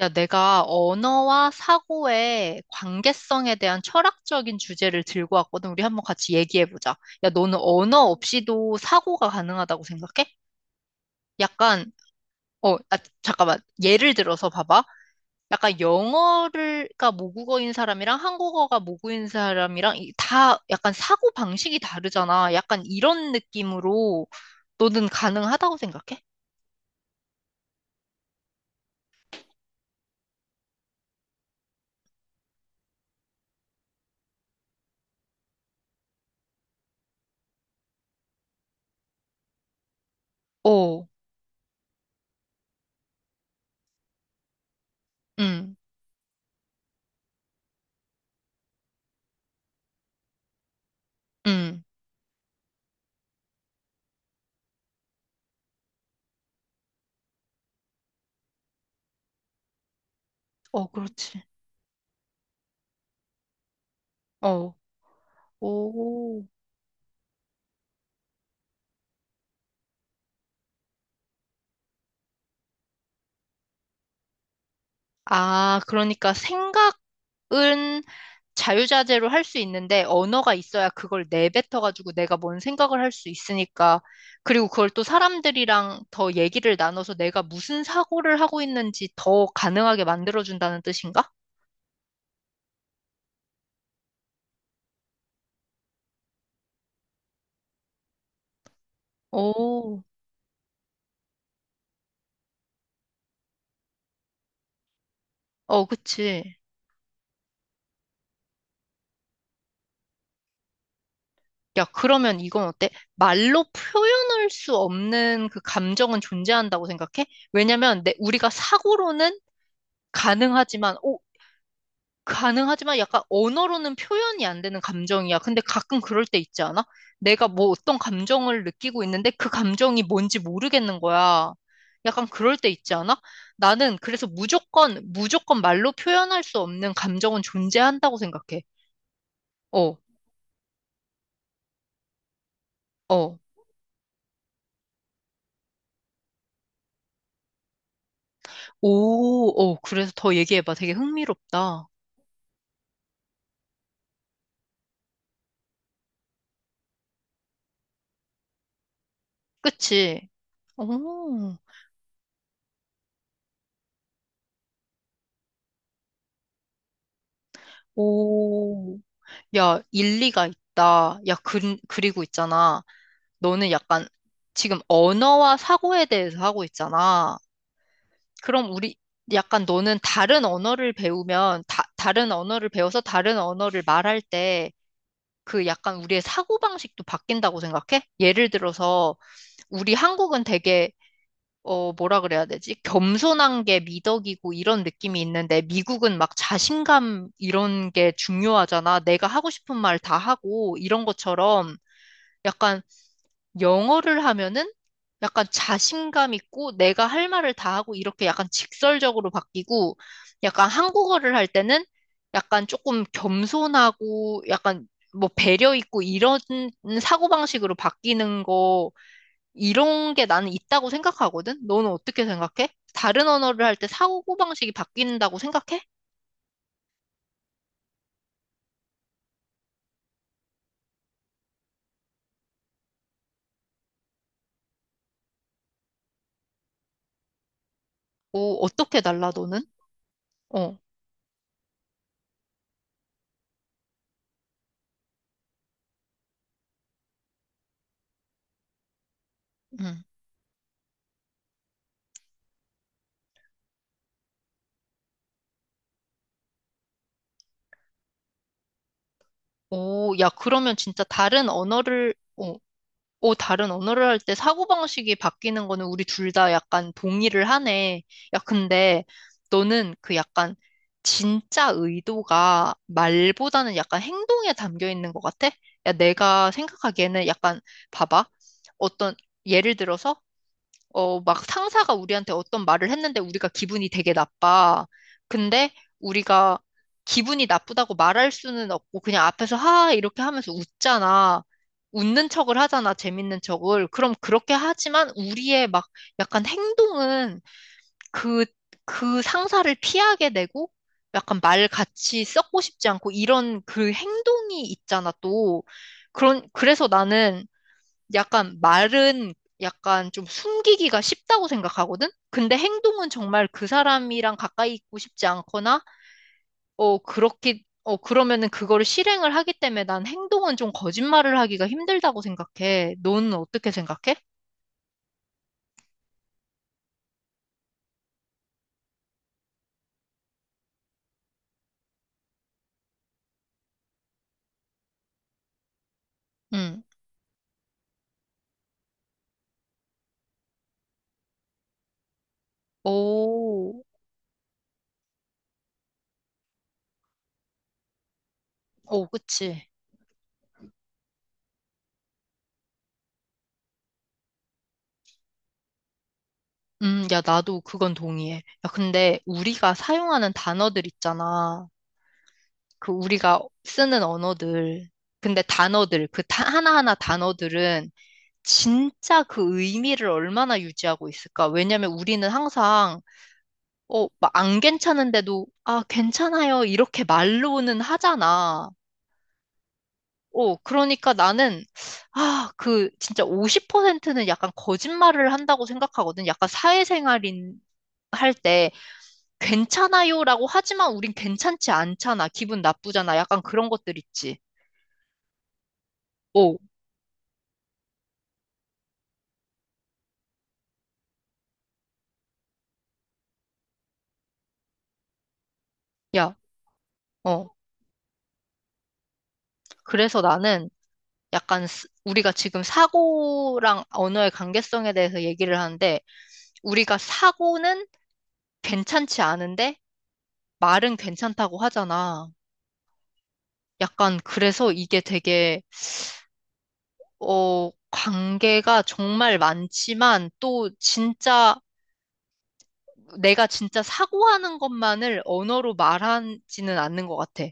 야, 내가 언어와 사고의 관계성에 대한 철학적인 주제를 들고 왔거든. 우리 한번 같이 얘기해보자. 야, 너는 언어 없이도 사고가 가능하다고 생각해? 약간, 어, 아, 잠깐만. 예를 들어서 봐봐. 약간 영어가 모국어인 사람이랑 한국어가 모국어인 사람이랑 다 약간 사고 방식이 다르잖아. 약간 이런 느낌으로 너는 가능하다고 생각해? 어. 응, 응. 어, 그렇지. 어. 오. 아, 그러니까 생각은 자유자재로 할 수 있는데 언어가 있어야 그걸 내뱉어가지고 내가 뭔 생각을 할 수 있으니까. 그리고 그걸 또 사람들이랑 더 얘기를 나눠서 내가 무슨 사고를 하고 있는지 더 가능하게 만들어준다는 뜻인가? 오, 어, 그치. 야, 그러면 이건 어때? 말로 표현할 수 없는 그 감정은 존재한다고 생각해? 왜냐면 우리가 사고로는 가능하지만, 어, 가능하지만, 약간 언어로는 표현이 안 되는 감정이야. 근데 가끔 그럴 때 있지 않아? 내가 뭐 어떤 감정을 느끼고 있는데 그 감정이 뭔지 모르겠는 거야. 약간 그럴 때 있지 않아? 나는 그래서 무조건, 무조건 말로 표현할 수 없는 감정은 존재한다고 생각해. 어, 어. 오, 어. 그래서 더 얘기해봐. 되게 흥미롭다. 그치? 오, 오. 야, 일리가 있다. 야, 그리고 있잖아. 너는 약간 지금 언어와 사고에 대해서 하고 있잖아. 그럼 우리 약간 너는 다른 언어를 배우면 다른 언어를 배워서 다른 언어를 말할 때 그 약간 우리의 사고방식도 바뀐다고 생각해? 예를 들어서 우리 한국은 되게 뭐라 그래야 되지? 겸손한 게 미덕이고 이런 느낌이 있는데 미국은 막 자신감 이런 게 중요하잖아. 내가 하고 싶은 말 다 하고 이런 것처럼 약간 영어를 하면은 약간 자신감 있고 내가 할 말을 다 하고 이렇게 약간 직설적으로 바뀌고 약간 한국어를 할 때는 약간 조금 겸손하고 약간 뭐 배려 있고 이런 사고방식으로 바뀌는 거 이런 게 나는 있다고 생각하거든? 너는 어떻게 생각해? 다른 언어를 할 때 사고방식이 바뀐다고 생각해? 오, 어떻게 달라, 너는? 어, 음. 오, 야, 그러면 진짜 다른 언어를, 오, 다른 언어를 할 때 사고방식이 바뀌는 거는 우리 둘 다 약간 동의를 하네. 야, 근데 너는 그 약간 진짜 의도가 말보다는 약간 행동에 담겨 있는 것 같아? 야, 내가 생각하기에는 약간 봐봐. 어떤 예를 들어서 막 상사가 우리한테 어떤 말을 했는데 우리가 기분이 되게 나빠. 근데 우리가 기분이 나쁘다고 말할 수는 없고 그냥 앞에서 하 이렇게 하면서 웃잖아. 웃는 척을 하잖아. 재밌는 척을. 그럼 그렇게 하지만 우리의 막 약간 행동은 그, 그 상사를 피하게 되고 약간 말 같이 썩고 싶지 않고 이런 그 행동이 있잖아 또. 그래서 나는 약간 말은 약간 좀 숨기기가 쉽다고 생각하거든? 근데 행동은 정말 그 사람이랑 가까이 있고 싶지 않거나, 그렇게, 그러면은 그거를 실행을 하기 때문에 난 행동은 좀 거짓말을 하기가 힘들다고 생각해. 너는 어떻게 생각해? 응. 오, 오, 그치. 야, 나도 그건 동의해. 야, 근데 우리가 사용하는 단어들 있잖아. 그 우리가 쓰는 언어들. 근데 단어들, 그 하나하나 단어들은 진짜 그 의미를 얼마나 유지하고 있을까? 왜냐면 우리는 항상, 막 안 괜찮은데도, 아, 괜찮아요. 이렇게 말로는 하잖아. 어, 그러니까 나는, 진짜 50%는 약간 거짓말을 한다고 생각하거든. 약간 사회생활인, 할 때, 괜찮아요라고 하지만 우린 괜찮지 않잖아. 기분 나쁘잖아. 약간 그런 것들 있지. 오, 야, 어. 그래서 나는 약간 우리가 지금 사고랑 언어의 관계성에 대해서 얘기를 하는데 우리가 사고는 괜찮지 않은데 말은 괜찮다고 하잖아. 약간 그래서 이게 되게 관계가 정말 많지만 또 진짜 내가 진짜 사고하는 것만을 언어로 말하지는 않는 것 같아.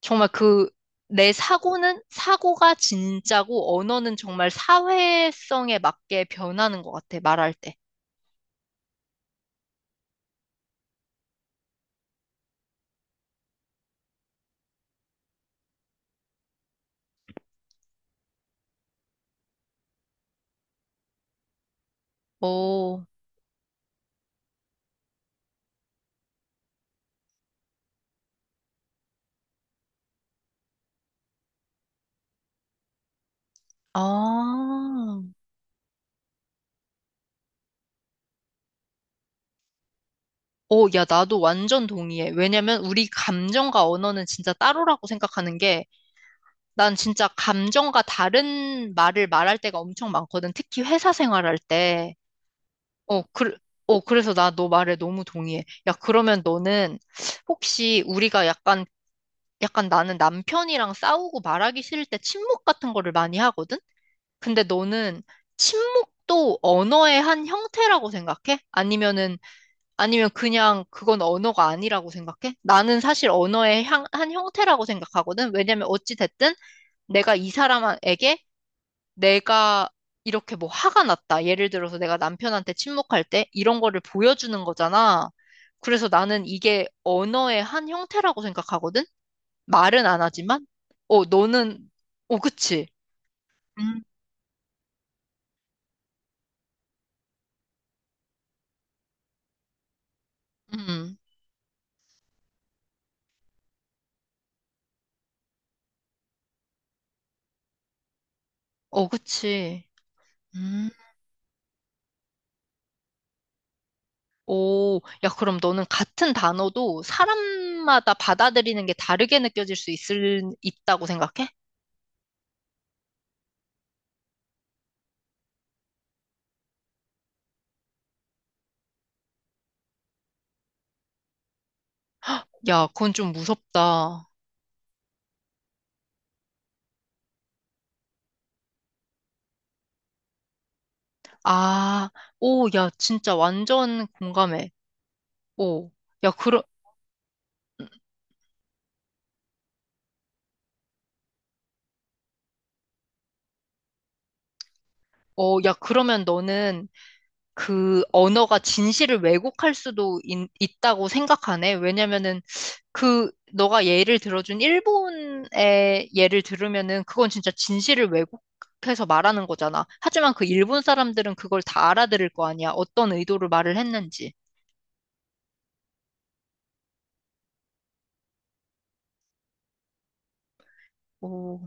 정말 그 내 사고는 사고가 진짜고 언어는 정말 사회성에 맞게 변하는 것 같아, 말할 때. 오, 아. 오, 야, 나도 완전 동의해. 왜냐면 우리 감정과 언어는 진짜 따로라고 생각하는 게, 난 진짜 감정과 다른 말을 말할 때가 엄청 많거든. 특히 회사 생활할 때. 어, 그, 그래서 나 너 말에 너무 동의해. 야, 그러면 너는 혹시 우리가 약간 나는 남편이랑 싸우고 말하기 싫을 때 침묵 같은 거를 많이 하거든? 근데 너는 침묵도 언어의 한 형태라고 생각해? 아니면 그냥 그건 언어가 아니라고 생각해? 나는 사실 언어의 한 형태라고 생각하거든. 왜냐면 어찌 됐든 내가 이 사람에게 내가 이렇게 뭐 화가 났다. 예를 들어서 내가 남편한테 침묵할 때 이런 거를 보여주는 거잖아. 그래서 나는 이게 언어의 한 형태라고 생각하거든. 말은 안 하지만. 너는, 그치. 음. 음, 그치. 음. 오, 야, 그럼 너는 같은 단어도 사람마다 받아들이는 게 다르게 느껴질 수 있다고 생각해? 야, 그건 좀 무섭다. 아, 오, 야, 진짜 완전 공감해. 오, 야, 야, 그러면 너는 그 언어가 진실을 왜곡할 수도 있다고 생각하네? 왜냐면은 그 너가 예를 들어준 일본의 예를 들으면은 그건 진짜 진실을 왜곡해서 말하는 거잖아. 하지만 그 일본 사람들은 그걸 다 알아들을 거 아니야. 어떤 의도로 말을 했는지. 오,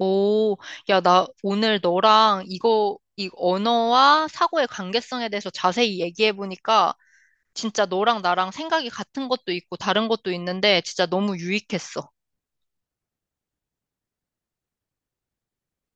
오, 야, 나 오늘 너랑 이 언어와 사고의 관계성에 대해서 자세히 얘기해 보니까 진짜 너랑 나랑 생각이 같은 것도 있고 다른 것도 있는데 진짜 너무 유익했어.